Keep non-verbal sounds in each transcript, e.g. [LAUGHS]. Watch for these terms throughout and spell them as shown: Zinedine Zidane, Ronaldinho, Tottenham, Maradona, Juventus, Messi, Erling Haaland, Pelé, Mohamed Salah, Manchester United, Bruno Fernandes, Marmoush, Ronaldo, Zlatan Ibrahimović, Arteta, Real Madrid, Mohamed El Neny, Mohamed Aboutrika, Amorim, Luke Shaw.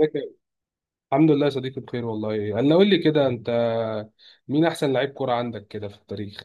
ازيك؟ الحمد لله يا صديقي، بخير والله. انا قول لي كده، انت مين احسن لعيب كرة عندك كده في التاريخ؟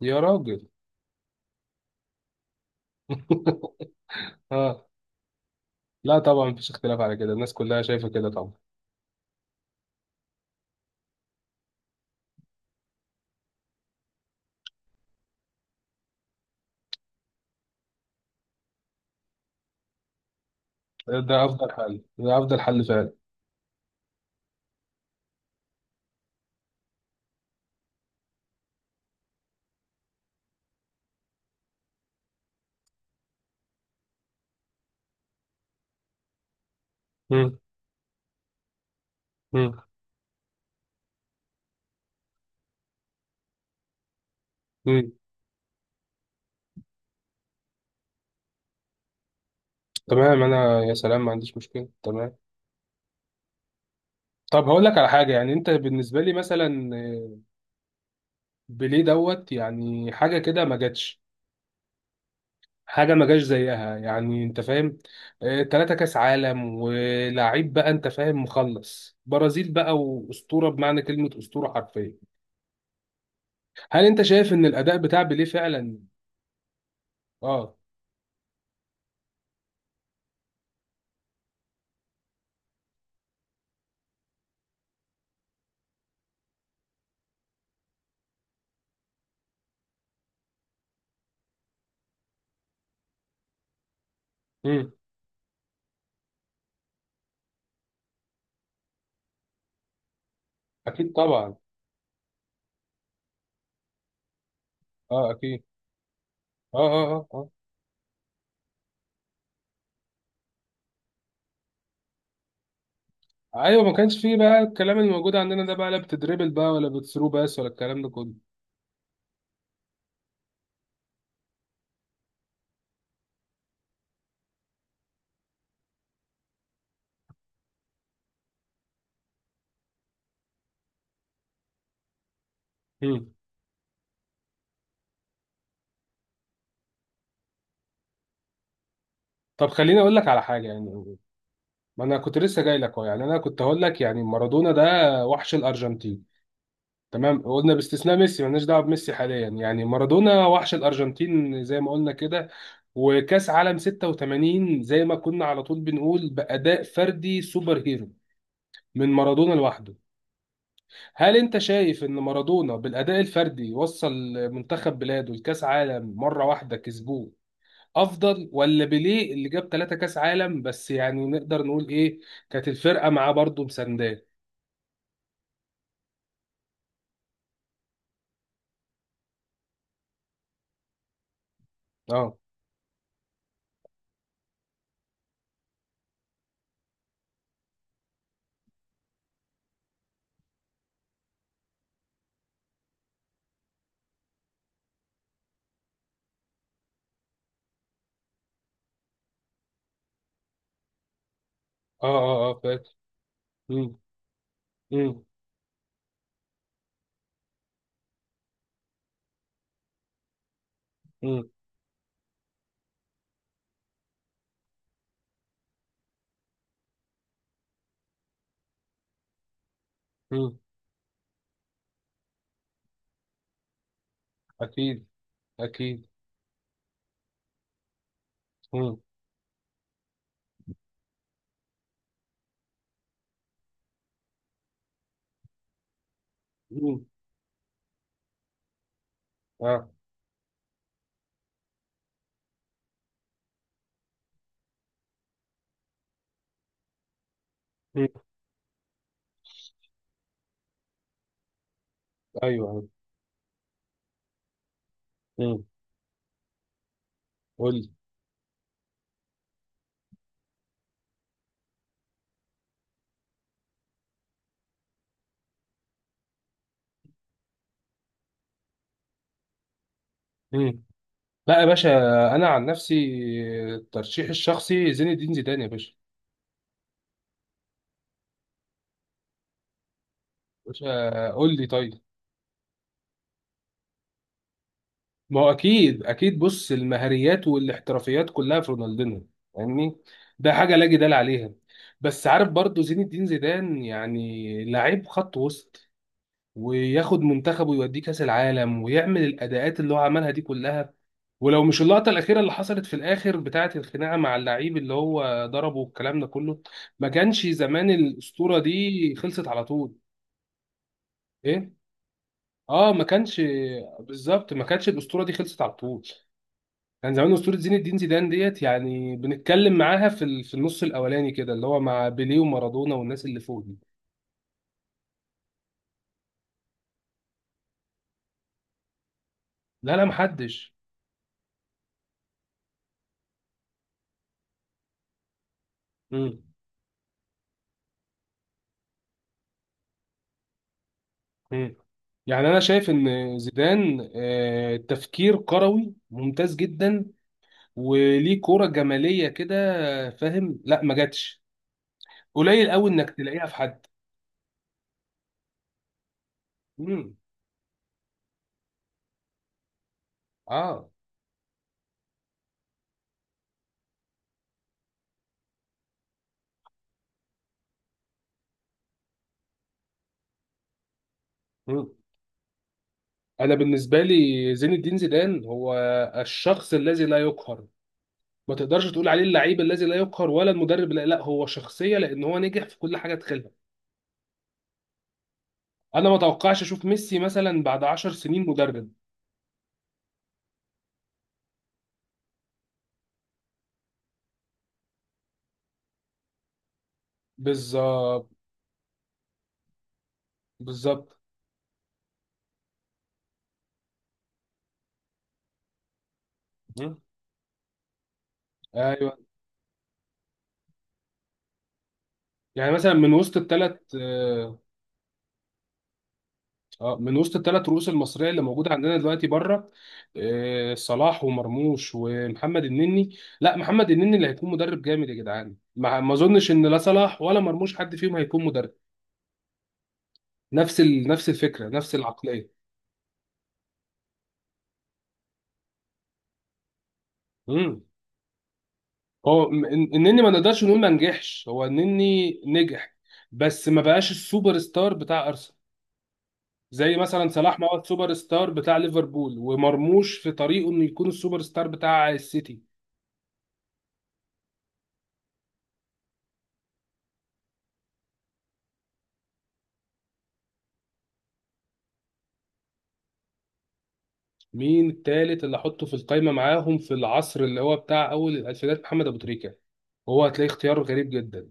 يا راجل. [LAUGHS] اه. لا طبعا، مفيش اختلاف على كده، الناس كلها شايفة كده طبعا. ده افضل حل، ده افضل حل فعلا. مم. مم. مم. تمام. انا يا سلام ما عنديش مشكلة، تمام. طب هقول لك على حاجة، يعني انت بالنسبة لي مثلا بيليه دوت، يعني حاجة كده ما جاتش، حاجه ما جاش زيها، يعني انت فاهم. تلاتة كاس عالم، ولاعيب، بقى انت فاهم، مخلص برازيل، بقى واسطوره بمعنى كلمه اسطوره حرفيا. هل انت شايف ان الاداء بتاع بيليه فعلا؟ اه. امم. اكيد طبعا. اه اكيد. اه اه اه. اه ايوه، ما كانش فيه بقى الكلام الموجود عندنا ده، بقى لا بتدريبل بقى، ولا بتثرو بس، ولا الكلام ده كله. امم طب خليني اقول لك على حاجه، يعني ما انا كنت لسه جاي لك اهو، يعني انا كنت هقول لك يعني مارادونا ده وحش الارجنتين. تمام، قلنا باستثناء ميسي، مالناش دعوه بميسي حاليا، يعني مارادونا وحش الارجنتين زي ما قلنا كده. وكاس عالم 86 زي ما كنا على طول بنقول، باداء فردي سوبر هيرو من مارادونا لوحده. هل انت شايف ان مارادونا بالاداء الفردي وصل منتخب بلاده لكاس عالم مره واحده كسبوه، افضل ولا بيليه اللي جاب ثلاثة كاس عالم؟ بس يعني نقدر نقول ايه، كانت الفرقه معاه برضه مسانداه. اه اه اه اه، فاكر. مم، مم، مم، مم. اكيد اكيد. مم. مم. اه. مم. ايوه. مم. قول لي. مم. لا يا باشا، انا عن نفسي الترشيح الشخصي زين الدين زيدان يا باشا. باشا قول لي طيب. ما هو اكيد اكيد، بص، المهاريات والاحترافيات كلها في رونالدينو، فاهمني؟ ده حاجه لا جدال عليها. بس عارف، برضو زين الدين زيدان يعني لعيب خط وسط، وياخد منتخبه ويوديه كاس العالم، ويعمل الاداءات اللي هو عملها دي كلها. ولو مش اللقطة الأخيرة اللي حصلت في الآخر بتاعة الخناقة مع اللعيب اللي هو ضربه والكلام ده كله، ما كانش زمان الأسطورة دي خلصت على طول. إيه؟ آه، ما كانش، بالظبط، ما كانش الأسطورة دي خلصت على طول. كان زمان أسطورة زين الدين زيدان ديت، يعني بنتكلم معاها في النص الأولاني كده، اللي هو مع بيليه ومارادونا والناس اللي فوق دي. لا لا محدش. مم. مم. يعني أنا شايف إن زيدان تفكير كروي ممتاز جدا، وليه كوره جماليه كده، فاهم؟ لا ما جاتش، قليل قوي انك تلاقيها في حد. امم. اه. مم. انا بالنسبه لي زين الدين زيدان هو الشخص الذي لا يقهر. ما تقدرش تقول عليه اللعيب الذي لا يقهر، ولا المدرب، لا، هو شخصيه، لان هو نجح في كل حاجه دخلها. انا ما اتوقعش اشوف ميسي مثلا بعد 10 سنين مدرب. بالظبط بالظبط. مم. ايوه. يعني مثلا من وسط الثلاث، اه من وسط الثلاث رؤوس المصريه اللي موجوده عندنا دلوقتي بره، آه، صلاح ومرموش ومحمد النني. لا، محمد النني اللي هيكون مدرب جامد يا جدعان، ما اظنش ان لا صلاح ولا مرموش حد فيهم هيكون مدرب. نفس الفكره، نفس العقليه. امم هو النني ما نقدرش نقول ما نجحش، هو النني نجح. بس ما بقاش السوبر ستار بتاع ارسنال، زي مثلا صلاح ما هو السوبر ستار بتاع ليفربول، ومرموش في طريقه انه يكون السوبر ستار بتاع السيتي. مين التالت اللي احطه في القايمه معاهم؟ في العصر اللي هو بتاع اول الالفينات، محمد ابو تريكه. هو هتلاقي اختيار غريب جدا.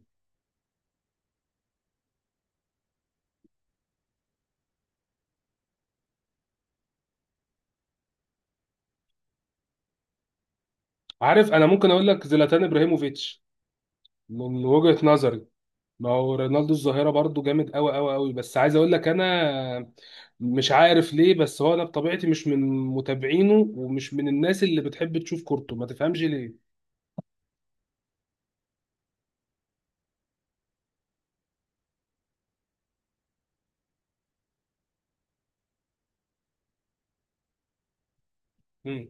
عارف، انا ممكن اقول لك زلاتان ابراهيموفيتش من وجهه نظري. ما هو رونالدو الظاهره برضو جامد قوي قوي قوي، بس عايز اقول لك انا مش عارف ليه، بس هو انا بطبيعتي مش من متابعينه، ومش من الناس اللي بتحب تشوف كورته، ما تفهمش ليه. مم.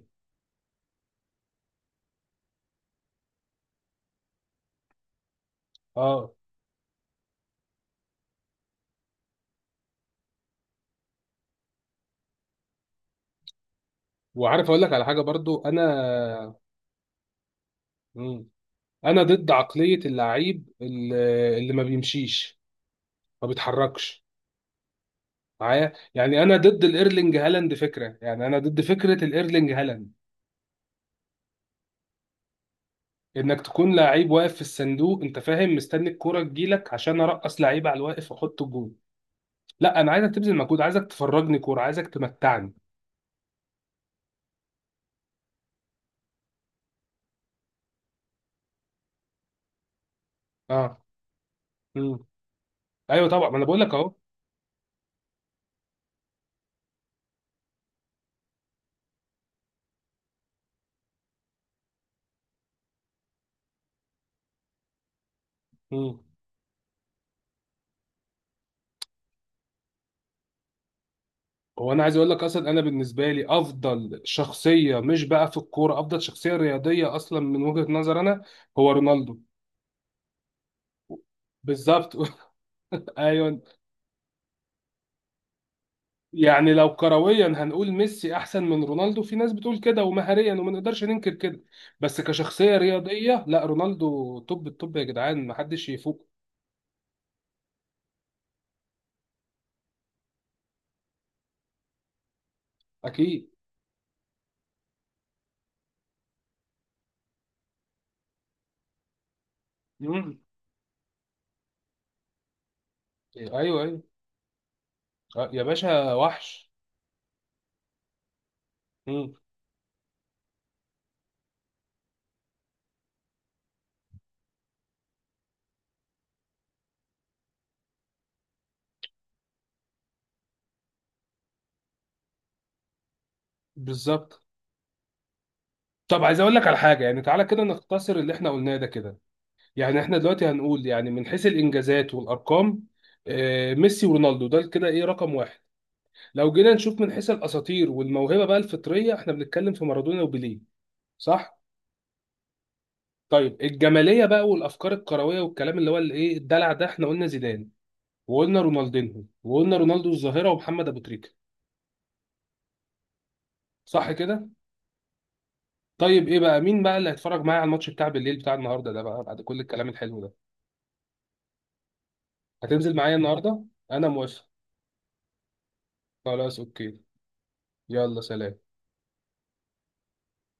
اه. وعارف اقول لك على حاجه برضو انا. مم. انا ضد عقليه اللعيب اللي، اللي ما بيمشيش، ما بيتحركش معايا، يعني انا ضد الايرلينج هالاند فكره، يعني انا ضد فكره الايرلينج هالاند. انك تكون لعيب واقف في الصندوق، انت فاهم، مستني الكوره تجيلك عشان ارقص لعيب على الواقف واحط جون. لا، انا عايزك تبذل مجهود، عايزك تفرجني كوره، عايزك تمتعني. اه. امم. ايوه طبعا، ما انا بقول لك اهو. امم هو انا عايز اقول لك اصلا، انا بالنسبه لي افضل شخصيه، مش بقى في الكوره، افضل شخصيه رياضيه اصلا من وجهه نظر انا، هو رونالدو. بالظبط. [LAUGHS] ايوه. يعني لو كرويا هنقول ميسي احسن من رونالدو، في ناس بتقول كده، ومهاريا وما نقدرش ننكر كده، بس كشخصيه رياضيه لا، رونالدو توب التوب يا جدعان، ما حدش يفوق. اكيد. مم. ايوه ايوه. يا باشا وحش. مم. بالظبط. طب عايز اقول لك على حاجه يعني، تعالى كده نختصر اللي احنا قلناه ده كده، يعني احنا دلوقتي هنقول يعني من حيث الانجازات والارقام ميسي ورونالدو ده كده ايه رقم واحد. لو جينا نشوف من حيث الاساطير والموهبه بقى الفطريه، احنا بنتكلم في مارادونا وبيليه، صح؟ طيب الجماليه بقى والافكار الكرويه والكلام، اللي هو الايه الدلع ده، احنا قلنا زيدان، وقلنا رونالدينهو، وقلنا رونالدو الظاهره ومحمد ابو تريكه. صح كده؟ طيب، ايه بقى، مين بقى اللي هيتفرج معايا على الماتش بتاع بالليل بتاع النهارده ده بقى، بعد كل الكلام الحلو ده؟ هتنزل معايا النهارده؟ انا موافق. خلاص اوكي. يلا سلام.